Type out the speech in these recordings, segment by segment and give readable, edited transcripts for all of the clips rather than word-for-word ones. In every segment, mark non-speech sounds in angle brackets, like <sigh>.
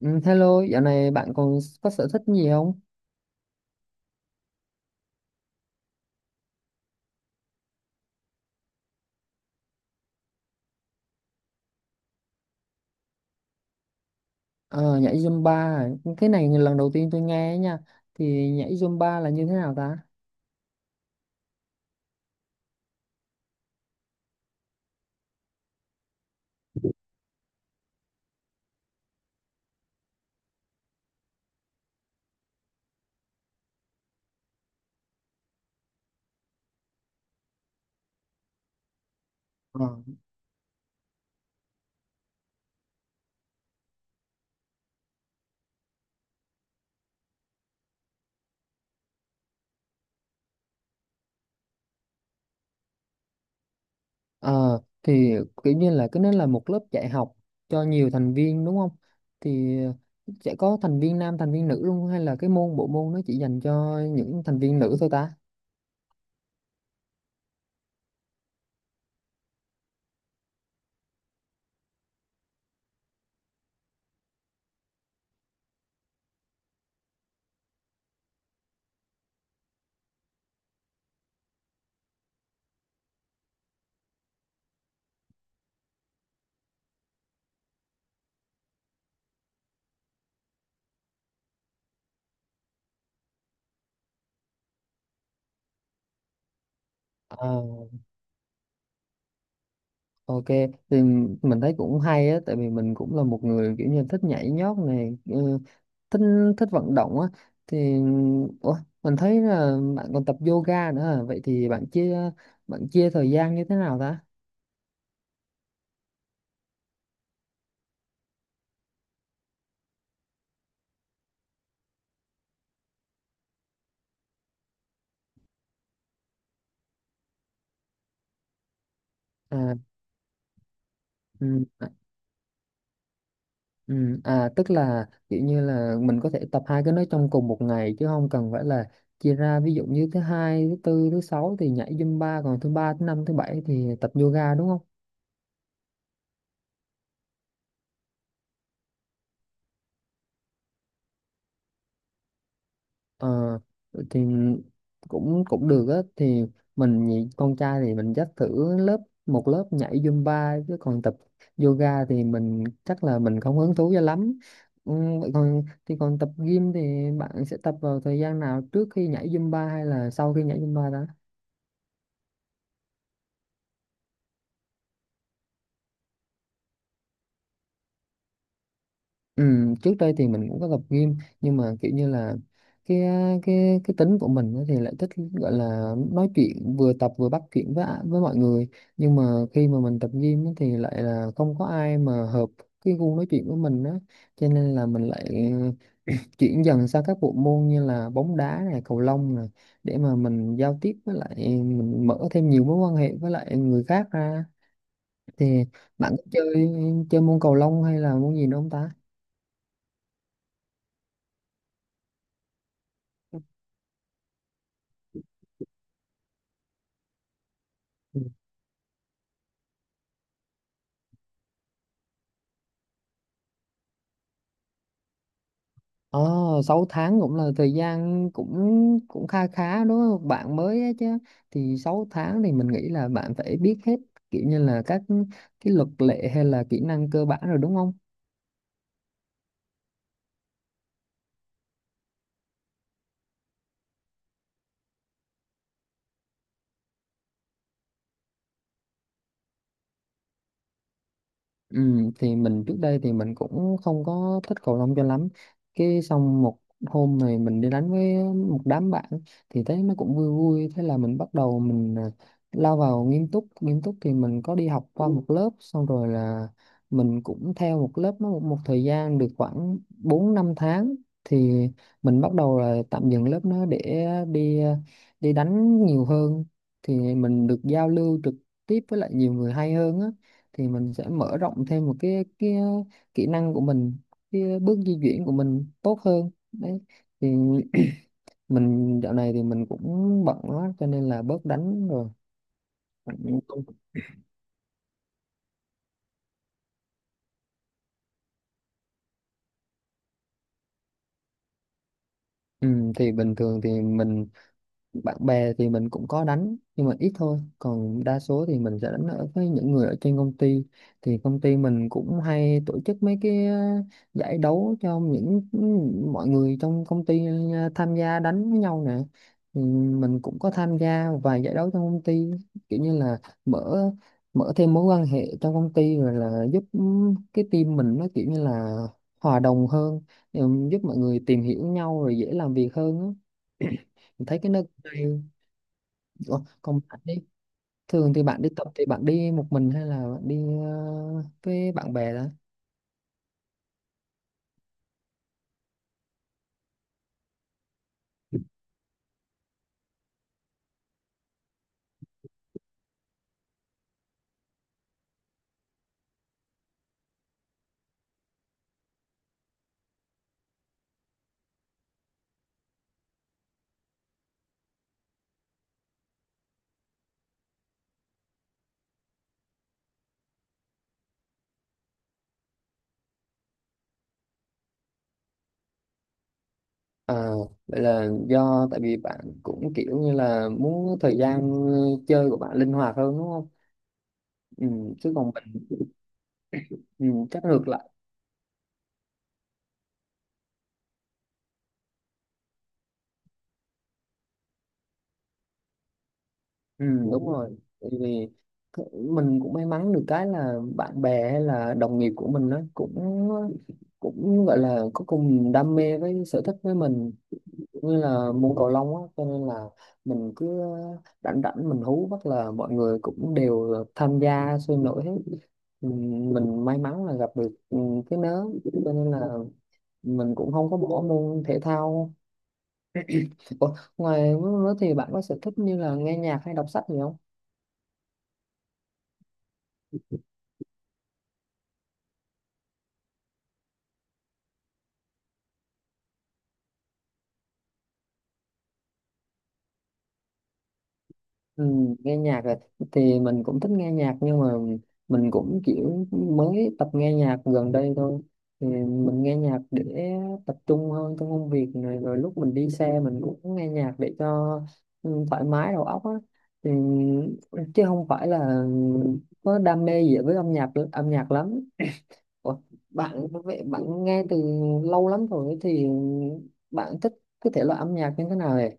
Ừ, hello, dạo này bạn còn có sở thích gì không? Ờ, nhảy Zumba à? Cái này lần đầu tiên tôi nghe nha. Thì nhảy Zumba là như thế nào ta? Ờ. Ờ, thì kiểu như là cái nó là một lớp dạy học cho nhiều thành viên, đúng không? Thì sẽ có thành viên nam, thành viên nữ luôn, hay là cái bộ môn nó chỉ dành cho những thành viên nữ thôi ta? Ờ. Ok, thì mình thấy cũng hay á, tại vì mình cũng là một người kiểu như thích nhảy nhót này, ừ, thích thích vận động á, thì ủa, mình thấy là bạn còn tập yoga nữa à? Vậy thì bạn chia thời gian như thế nào ta? À, ừ, à, ừ, à, tức là kiểu như là mình có thể tập hai cái đó trong cùng một ngày chứ không cần phải là chia ra, ví dụ như thứ hai, thứ tư, thứ sáu thì nhảy Zumba, còn thứ ba, thứ năm, thứ bảy thì tập yoga, đúng không? Ờ, thì cũng cũng được á, thì con trai thì mình dắt thử một lớp nhảy Zumba, chứ còn tập yoga thì mình chắc là mình không hứng thú cho lắm. Ừ, vậy còn thì còn tập gym thì bạn sẽ tập vào thời gian nào, trước khi nhảy Zumba hay là sau khi nhảy Zumba đó? Ừ, trước đây thì mình cũng có tập gym, nhưng mà kiểu như là cái cái tính của mình á thì lại thích gọi là nói chuyện, vừa tập vừa bắt chuyện với với mọi người, nhưng mà khi mà mình tập gym á thì lại là không có ai mà hợp cái gu nói chuyện của mình á, cho nên là mình lại <clears throat> chuyển dần sang các bộ môn như là bóng đá này, cầu lông này, để mà mình giao tiếp với lại mình mở thêm nhiều mối quan hệ với lại người khác ra. Thì bạn có chơi chơi môn cầu lông hay là môn gì nữa không ta? Ờ, 6 tháng cũng là thời gian cũng cũng kha khá đúng không? Bạn mới ấy chứ. Thì 6 tháng thì mình nghĩ là bạn phải biết hết kiểu như là các cái luật lệ hay là kỹ năng cơ bản rồi đúng không? Ừ, thì mình trước đây thì mình cũng không có thích cầu lông cho lắm, cái xong một hôm này mình đi đánh với một đám bạn thì thấy nó cũng vui vui, thế là mình bắt đầu mình, à, lao vào nghiêm túc. Nghiêm túc thì mình có đi học qua một lớp, xong rồi là mình cũng theo một lớp nó một thời gian được khoảng 4 5 tháng thì mình bắt đầu là tạm dừng lớp nó để đi, à, đi đánh nhiều hơn, thì mình được giao lưu trực tiếp với lại nhiều người hay hơn á, thì mình sẽ mở rộng thêm một cái kỹ năng của mình, cái bước di chuyển của mình tốt hơn đấy. Thì mình dạo này thì mình cũng bận quá cho nên là bớt đánh rồi. Ừ, thì bình thường thì mình, bạn bè thì mình cũng có đánh nhưng mà ít thôi, còn đa số thì mình sẽ đánh ở với những người ở trên công ty. Thì công ty mình cũng hay tổ chức mấy cái, ờ, giải đấu cho mọi người trong công ty, ờ, tham gia đánh với nhau nè, thì mình cũng có tham gia vài giải đấu trong công ty, kiểu như là mở mở thêm mối quan hệ trong công ty, rồi là giúp, ừ, cái team mình nó kiểu như là hòa đồng hơn, ừ, giúp mọi người tìm hiểu nhau rồi dễ làm việc hơn á. Mình thấy cái nơi. Ủa, còn bạn đi, thường thì bạn đi tập thì bạn đi một mình hay là bạn đi, ờ, với bạn bè đó? À, vậy là do tại vì bạn cũng kiểu như là muốn thời gian, ờ, chơi của bạn linh hoạt hơn đúng không? Ừ, chứ còn mình, ừ, chắc ngược lại. Ừ, đúng rồi. Tại vì mình cũng may mắn được cái là bạn bè hay là đồng nghiệp của mình nó cũng cũng gọi là có cùng đam mê với sở thích với mình, cũng như là môn cầu lông á, cho nên là mình cứ rảnh rảnh mình hú bắt là mọi người cũng đều tham gia sôi nổi hết. Mình may mắn là gặp được, cái nớ, cho nên là mình cũng không có bỏ môn thể thao. Ủa, ngoài mới thì bạn có sở thích như là nghe nhạc hay đọc sách gì không? Ừ, nghe nhạc là, thì mình cũng thích nghe nhạc nhưng mà mình cũng kiểu mới tập nghe nhạc gần đây thôi. Thì mình nghe nhạc để tập trung hơn trong công việc này, rồi lúc mình đi xe mình cũng nghe nhạc để cho, ừ, thoải mái đầu óc á, thì chứ không phải là có đam mê gì với âm nhạc lắm. Ủa, bạn vậy bạn nghe từ lâu lắm rồi thì bạn thích cái thể loại âm nhạc như thế nào vậy?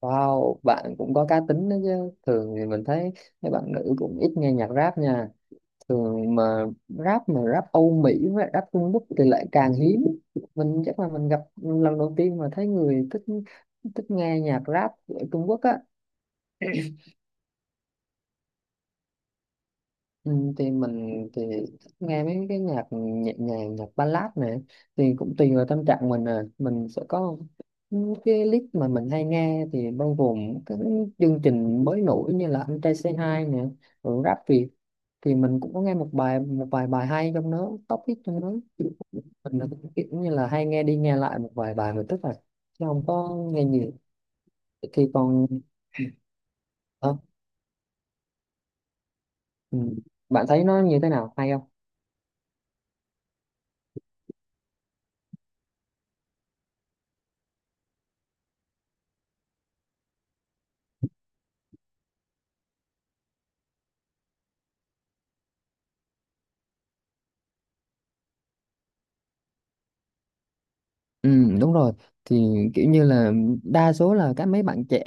Wow, bạn cũng có cá tính đó chứ. Thường thì mình thấy mấy bạn nữ cũng ít nghe nhạc rap nha. Thường mà rap, mà rap Âu Mỹ với rap Trung Quốc thì lại càng hiếm. Mình chắc là mình gặp lần đầu tiên mà thấy người thích thích nghe nhạc rap ở Trung Quốc á. Ừ, thì mình thì thích nghe mấy cái nhạc nhẹ nhàng, nhạc ballad này, thì cũng tùy vào tâm trạng mình, à mình sẽ có những cái list mà mình hay nghe thì bao gồm các chương trình mới nổi như là Anh Trai Say Hi nè, rồi Rap Việt, thì mình cũng có nghe một vài bài hay trong đó, top hit trong đó. Mình là kiểu như là hay nghe đi nghe lại một vài bài mình, tức là chứ không có nghe nhiều. Thì còn, ờ, ừ, bạn thấy nó như thế nào hay không? Ừ, đúng rồi, thì kiểu như là đa số là mấy bạn trẻ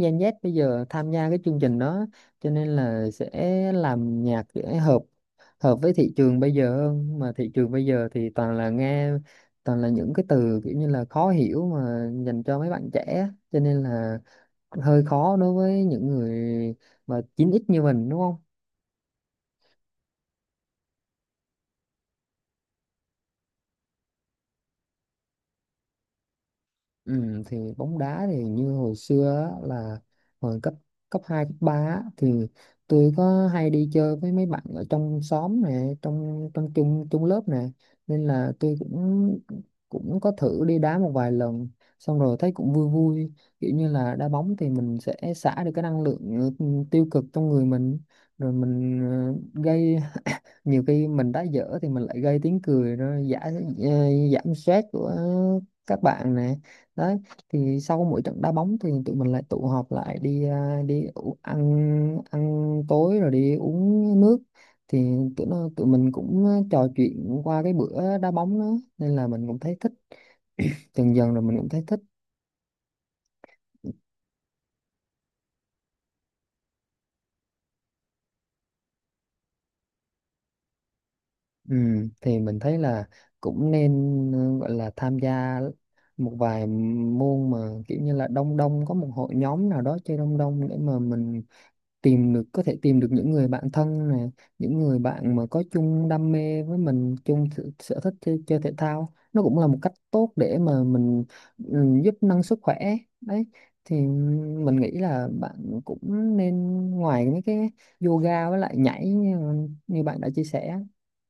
Gen Z bây giờ tham gia cái chương trình đó, cho nên là sẽ làm nhạc để hợp hợp với thị trường bây giờ hơn, mà thị trường bây giờ thì toàn là những cái từ kiểu như là khó hiểu mà dành cho mấy bạn trẻ, cho nên là hơi khó đối với những người mà chín x như mình đúng không? Ừ, thì bóng đá thì như hồi xưa á, là hồi cấp cấp 2 cấp 3 á, thì tôi có hay đi chơi với mấy bạn ở trong xóm nè, trong trong chung chung lớp nè, nên là tôi cũng cũng có thử đi đá một vài lần, xong rồi thấy cũng vui vui, kiểu như là đá bóng thì mình sẽ xả được cái năng lượng, ừ, tiêu cực trong người mình, rồi mình, ờ, gây, nhiều khi mình đã dở thì mình lại gây tiếng cười, nó giảm giảm stress của các bạn nè đấy. Thì sau mỗi trận đá bóng thì tụi mình lại tụ họp lại đi, à, ăn ăn tối rồi đi uống nước, thì tụi mình cũng, ờ, trò chuyện qua cái bữa đá bóng đó, nên là mình cũng thấy thích, dần dần rồi mình cũng thấy thích. Ừ, thì mình thấy là cũng nên, ừ, gọi là tham gia một vài môn mà kiểu như là đông đông có một hội nhóm nào đó chơi đông đông, để mà mình tìm được có thể tìm được những người bạn thân này, những người bạn mà có chung đam mê với mình, chung sở thích chơi thể thao, nó cũng là một cách tốt để mà mình, ừ, giúp nâng sức khỏe đấy. Thì mình nghĩ là bạn cũng nên, ngoài mấy cái yoga với lại nhảy, như bạn đã chia sẻ,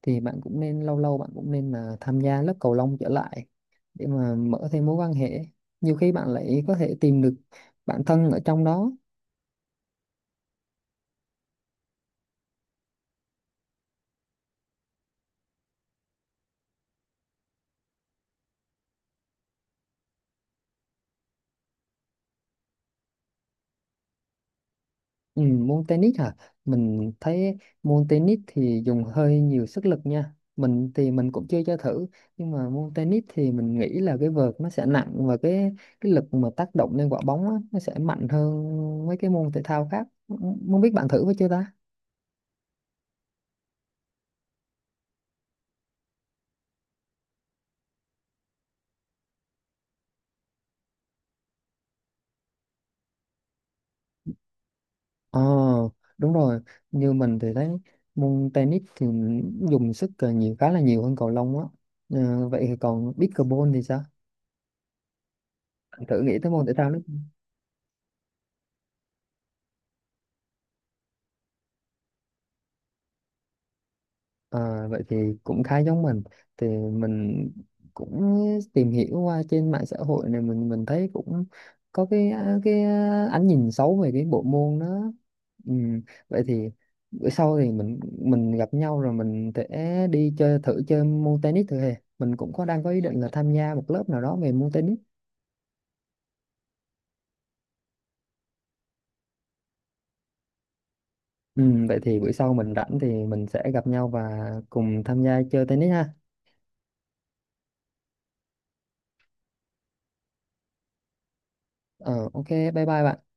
thì bạn cũng nên lâu lâu bạn cũng nên là tham gia lớp cầu lông trở lại để mà mở thêm mối quan hệ, nhiều khi bạn lại có thể tìm được bạn thân ở trong đó. Ừ, môn tennis hả? Mình thấy môn tennis thì dùng hơi nhiều sức lực nha. Mình thì mình cũng chưa cho thử, nhưng mà môn tennis thì mình nghĩ là cái vợt nó sẽ nặng, và cái lực mà tác động lên quả bóng á, nó sẽ mạnh hơn mấy cái môn thể thao khác. Không biết bạn thử với chưa ta? Ờ đúng rồi, như mình thì thấy môn tennis thì dùng sức, ờ, nhiều, khá là nhiều hơn cầu lông á. Ờ, vậy thì còn pickleball thì sao? Bạn thử nghĩ tới môn thể thao đó. À, vậy thì cũng khá giống mình, thì mình cũng tìm hiểu qua trên mạng xã hội này, mình thấy cũng có cái cái ánh nhìn xấu về cái bộ môn đó. Ừ. Vậy thì bữa sau thì mình gặp nhau rồi mình sẽ đi chơi thử, chơi môn tennis thử hè, mình cũng có đang có ý định là tham gia một lớp nào đó về môn tennis. Ừ. Vậy thì bữa sau mình rảnh thì mình sẽ gặp nhau và cùng tham gia chơi tennis ha. Ờ, ok, bye bye bạn.